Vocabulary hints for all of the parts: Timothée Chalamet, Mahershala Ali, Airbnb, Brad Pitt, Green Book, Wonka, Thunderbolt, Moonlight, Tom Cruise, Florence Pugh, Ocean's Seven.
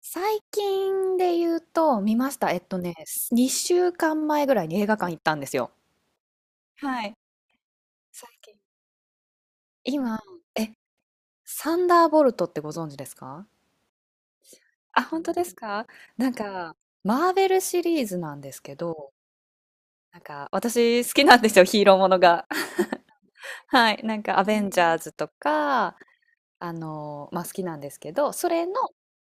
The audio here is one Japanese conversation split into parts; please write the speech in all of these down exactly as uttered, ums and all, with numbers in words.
最近で言うと、見ました。えっとね、にしゅうかんまえぐらいに映画館行ったんですよ。今、え、サンダーボルトってご存知ですか？あ、本当ですか？なんか、マーベルシリーズなんですけど、なんか、私好きなんですよ、ヒーローものが。はい、なんか、アベンジャーズとか、あの、まあ、好きなんですけど、それの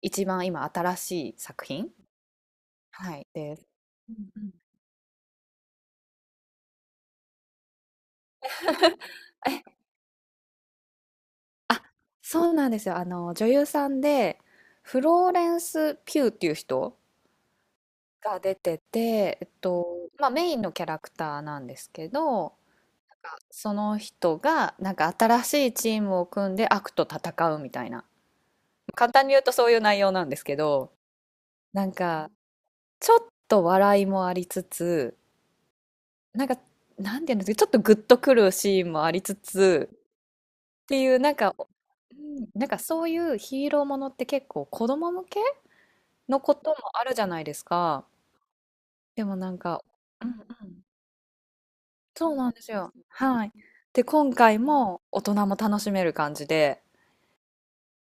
一番今新しい作品。はい。で、え、そうなんですよ。あの、女優さんで、フローレンス・ピューっていう人が出てて、えっと、まあ、メインのキャラクターなんですけど、その人が、なんか新しいチームを組んで悪と戦うみたいな。簡単に言うとそういう内容なんですけど、なんか、ちょっと笑いもありつつ、なんか、なんていうんですか、ちょっとグッとくるシーンもありつつ、っていう、なんか、うんなんかそういうヒーローものって結構子供向けのこともあるじゃないですか。でもなんか、うんうん。そうなんですよ。はい。で、今回も大人も楽しめる感じで、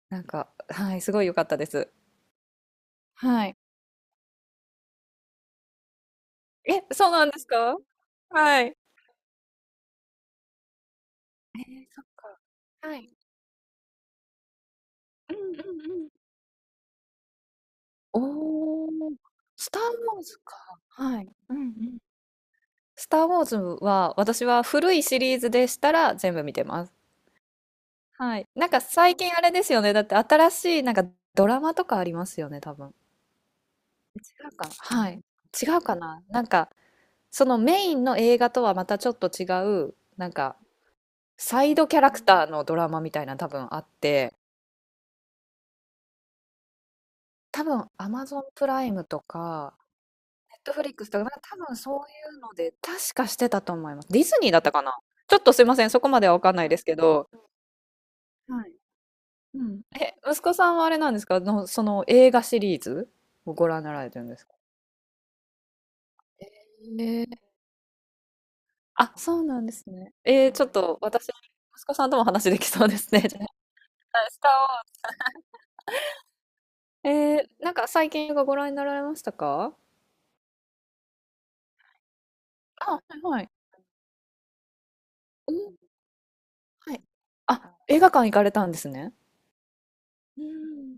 なんか、はい、すごい良かったです。はい。え、そうなんですか？はい。えー、そっか。うんうんうん。おー、スター・ウォーズか。はい。うんうん。スター・ウォーズは、私は古いシリーズでしたら全部見てます。はい。なんか最近あれですよね。だって新しいなんかドラマとかありますよね、多分。違うか、はい。違うかな。なんか、そのメインの映画とはまたちょっと違う、なんか、サイドキャラクターのドラマみたいな多分あって、多分 Amazon プライムとか、Netflix とか、なんか多分そういうので、確かしてたと思います。ディズニーだったかな。ちょっとすいません、そこまではわかんないですけど、え息子さんはあれなんですかの、その映画シリーズをご覧になられてるんですか？えー、あ、そうなんですね。えー、ちょっと私、息子さんとも話できそうですね。じゃあはいスター・ウォーズえー、なんか最近映画ご覧になられましたか？あ、はいはい。うん、はい。あ、映画館行かれたんですね。うん。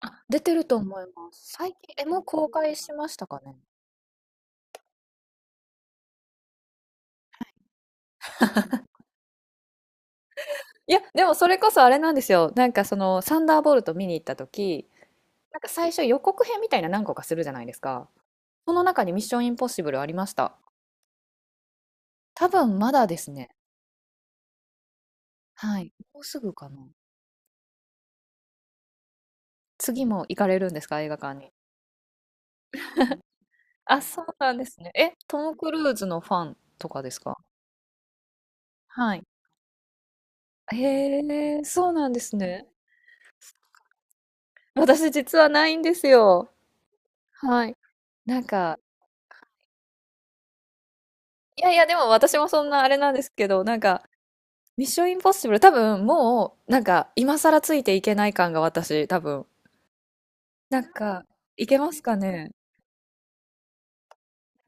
あ、出てると思います。最近、え、もう公開しましたかね。いや、でもそれこそあれなんですよ。なんかその、サンダーボルト見に行った時、なんか最初予告編みたいな何個かするじゃないですか。その中にミッションインポッシブルありました。多分まだですね。はい。もうすぐかな。次も行かれるんですか、映画館に？あ、そうなんですね。え、トム・クルーズのファンとかですか？はい。へえ、そうなんですね。私実はないんですよ。はい。なんか、いやいや、でも私もそんなあれなんですけど、なんか、ミッションインポッシブル、多分もう、なんか、今更ついていけない感が私、多分。なんか、いけますかね？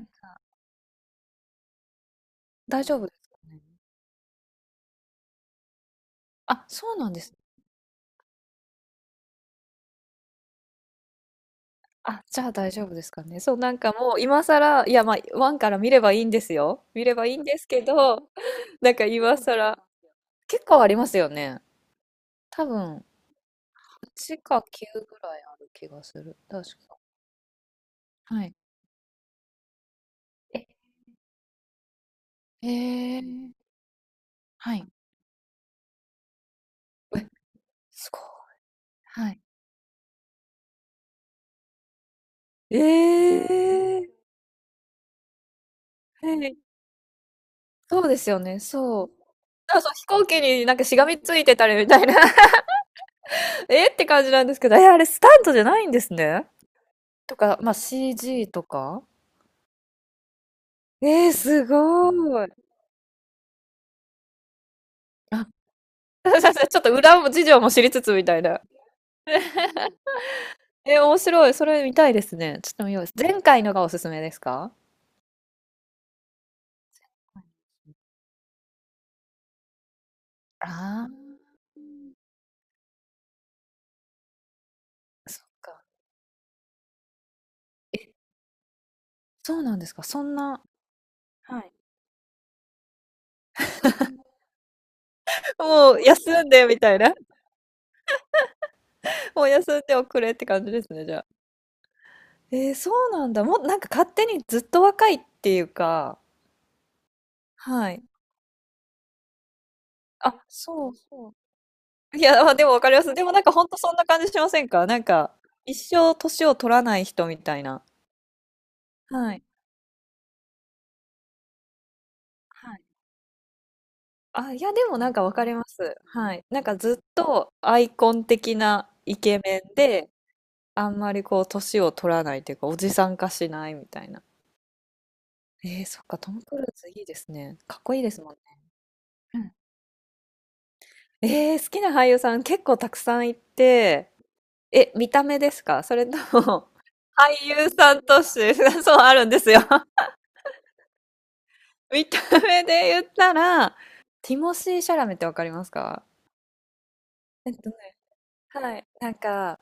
なんか大丈夫ですかね？あ、そうなんです。あ、じゃあ大丈夫ですかね。そう、なんかもう今更、いや、まあ、ワンから見ればいいんですよ。見ればいいんですけど、なんか今更、結構ありますよね。多分、ちかきゅうぐらいある気がする。確か。はい。えー、はい、すごはい。い。ええはい。そうですよね、そう。だからそう、飛行機になんかしがみついてたりみたいな えって感じなんですけど、え、あれスタントじゃないんですね。とか、まあ、シージー とか。えー、すごい。あ、ちょっと裏も事情も知りつつみたいな。えー、面白い。それ見たいですね。ちょっと見よう。前回のがおすすめですか？ああー、そっか。え、そうなんですか。そんなもう休んでみたいな。もう休んでおくれって感じですね、じゃあ。えー、そうなんだ。もうなんか勝手にずっと若いっていうか、はい。あ、そうそう。いや、まあでもわかります。でもなんかほんとそんな感じしませんか？なんか、一生年を取らない人みたいな。はい。はい。あ、いや、でもなんかわかります。はい。なんかずっとアイコン的なイケメンで、あんまりこう年を取らないというか、おじさん化しないみたいな。えー、そっか、トム・クルーズいいですね。かっこいいですもんね。えー、好きな俳優さん結構たくさんいて、え、見た目ですか？ それとも、俳優さんとして、そうあるんですよ。見た目で言ったら、ティモシー・シャラメってわかりますか？えっとね、はい。なんか、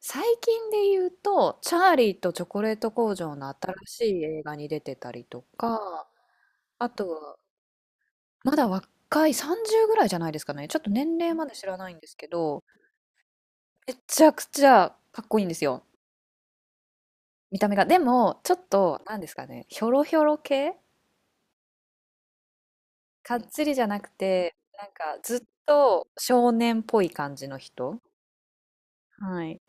最近で言うと、チャーリーとチョコレート工場の新しい映画に出てたりとか、あとは、まだ若いさんじゅうぐらいじゃないですかね。ちょっと年齢まで知らないんですけど、めちゃくちゃかっこいいんですよ。見た目が。でも、ちょっと、なんですかね、ひょろひょろ系かっつりじゃなくて、なんかずっと少年っぽい感じの人。はい。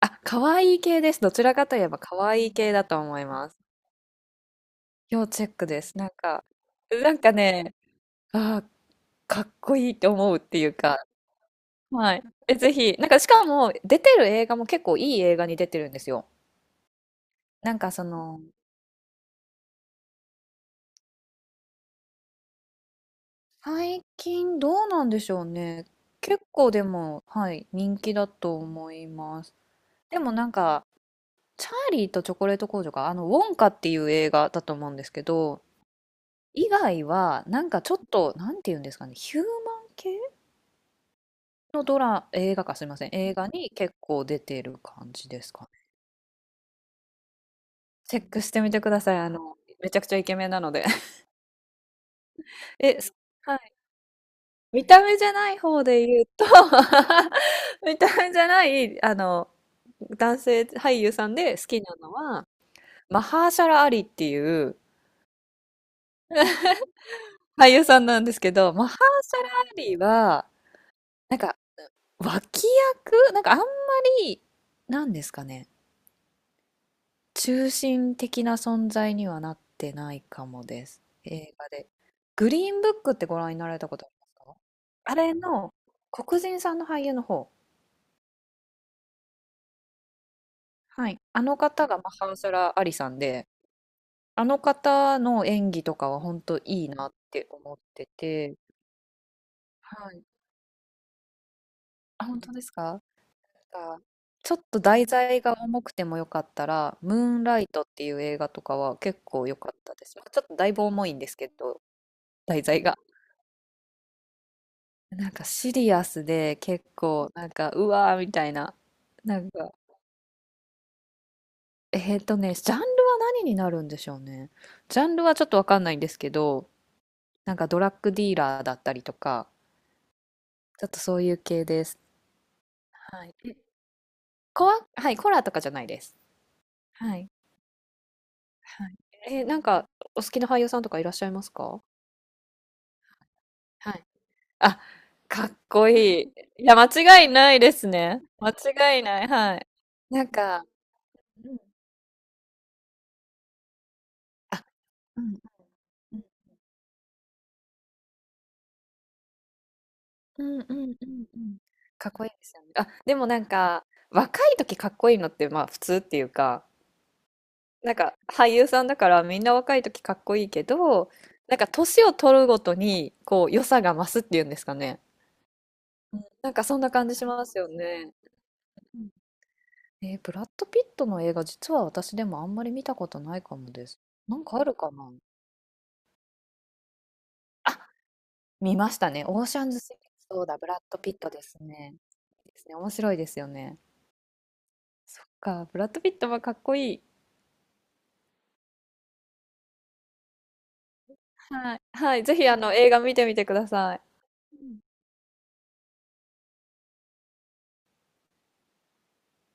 あ、可愛い系です。どちらかといえば可愛い系だと思います。要チェックです。なんか、なんかね、あーかっこいいって思うっていうか、はい。え、ぜひ、なんかしかも出てる映画も結構いい映画に出てるんですよ。なんかその、最近どうなんでしょうね。結構でも、はい、人気だと思います。でもなんか、チャーリーとチョコレート工場が、あの、ウォンカっていう映画だと思うんですけど、以外は、なんかちょっと、なんていうんですかね、ヒューマン系のドラ、映画か、すいません、映画に結構出てる感じですかね。チェックしてみてください。あの、めちゃくちゃイケメンなので。え、はい見た目じゃない方で言うと 見た目じゃない、あの、男性俳優さんで好きなのは、マハーシャラ・アリっていう俳優さんなんですけど、マハーシャラ・アリは、なんか、脇役なんかあんまり、なんですかね、中心的な存在にはなってないかもです。映画で。グリーンブックってご覧になられたことありますか？あれの黒人さんの俳優の方。はい。あの方がマハンサラ・アリさんで、あの方の演技とかは本当いいなって思ってて、はい。あ、本当ですか？なんかちょっと題材が重くてもよかったら、ムーンライトっていう映画とかは結構良かったです。まあ、ちょっとだいぶ重いんですけど、題材が。なんかシリアスで結構、なんか、うわーみたいな。なんか、えーとね、ジャンルは何になるんでしょうね。ジャンルはちょっとわかんないんですけど、なんかドラッグディーラーだったりとか、ちょっとそういう系です。はい。コア、はい、コラとかじゃないです。はい。はい。えーなんか、お好きな俳優さんとかいらっしゃいますか？はい。あ、かっこいい。いや、間違いないですね。間違いない。はい。なんか、うん。あ、うんうんうんうん。かっこいいですよね。あ、でもなんか、若い時かっこいいのって、まあ普通っていうか、なんか俳優さんだからみんな若い時かっこいいけど、なんか年を取るごとにこう良さが増すっていうんですかね。なんかそんな感じしますよね。えーブラッド・ピットの映画実は私でもあんまり見たことないかもです。なんかあるかな？あ、見ましたね。オーシャンズ・セブン。そうだ、ブラッド・ピットですね。いいですね。面白いですよね。そっか、ブラッド・ピットはかっこいい。はい。はい。ぜひあの映画見てみてください。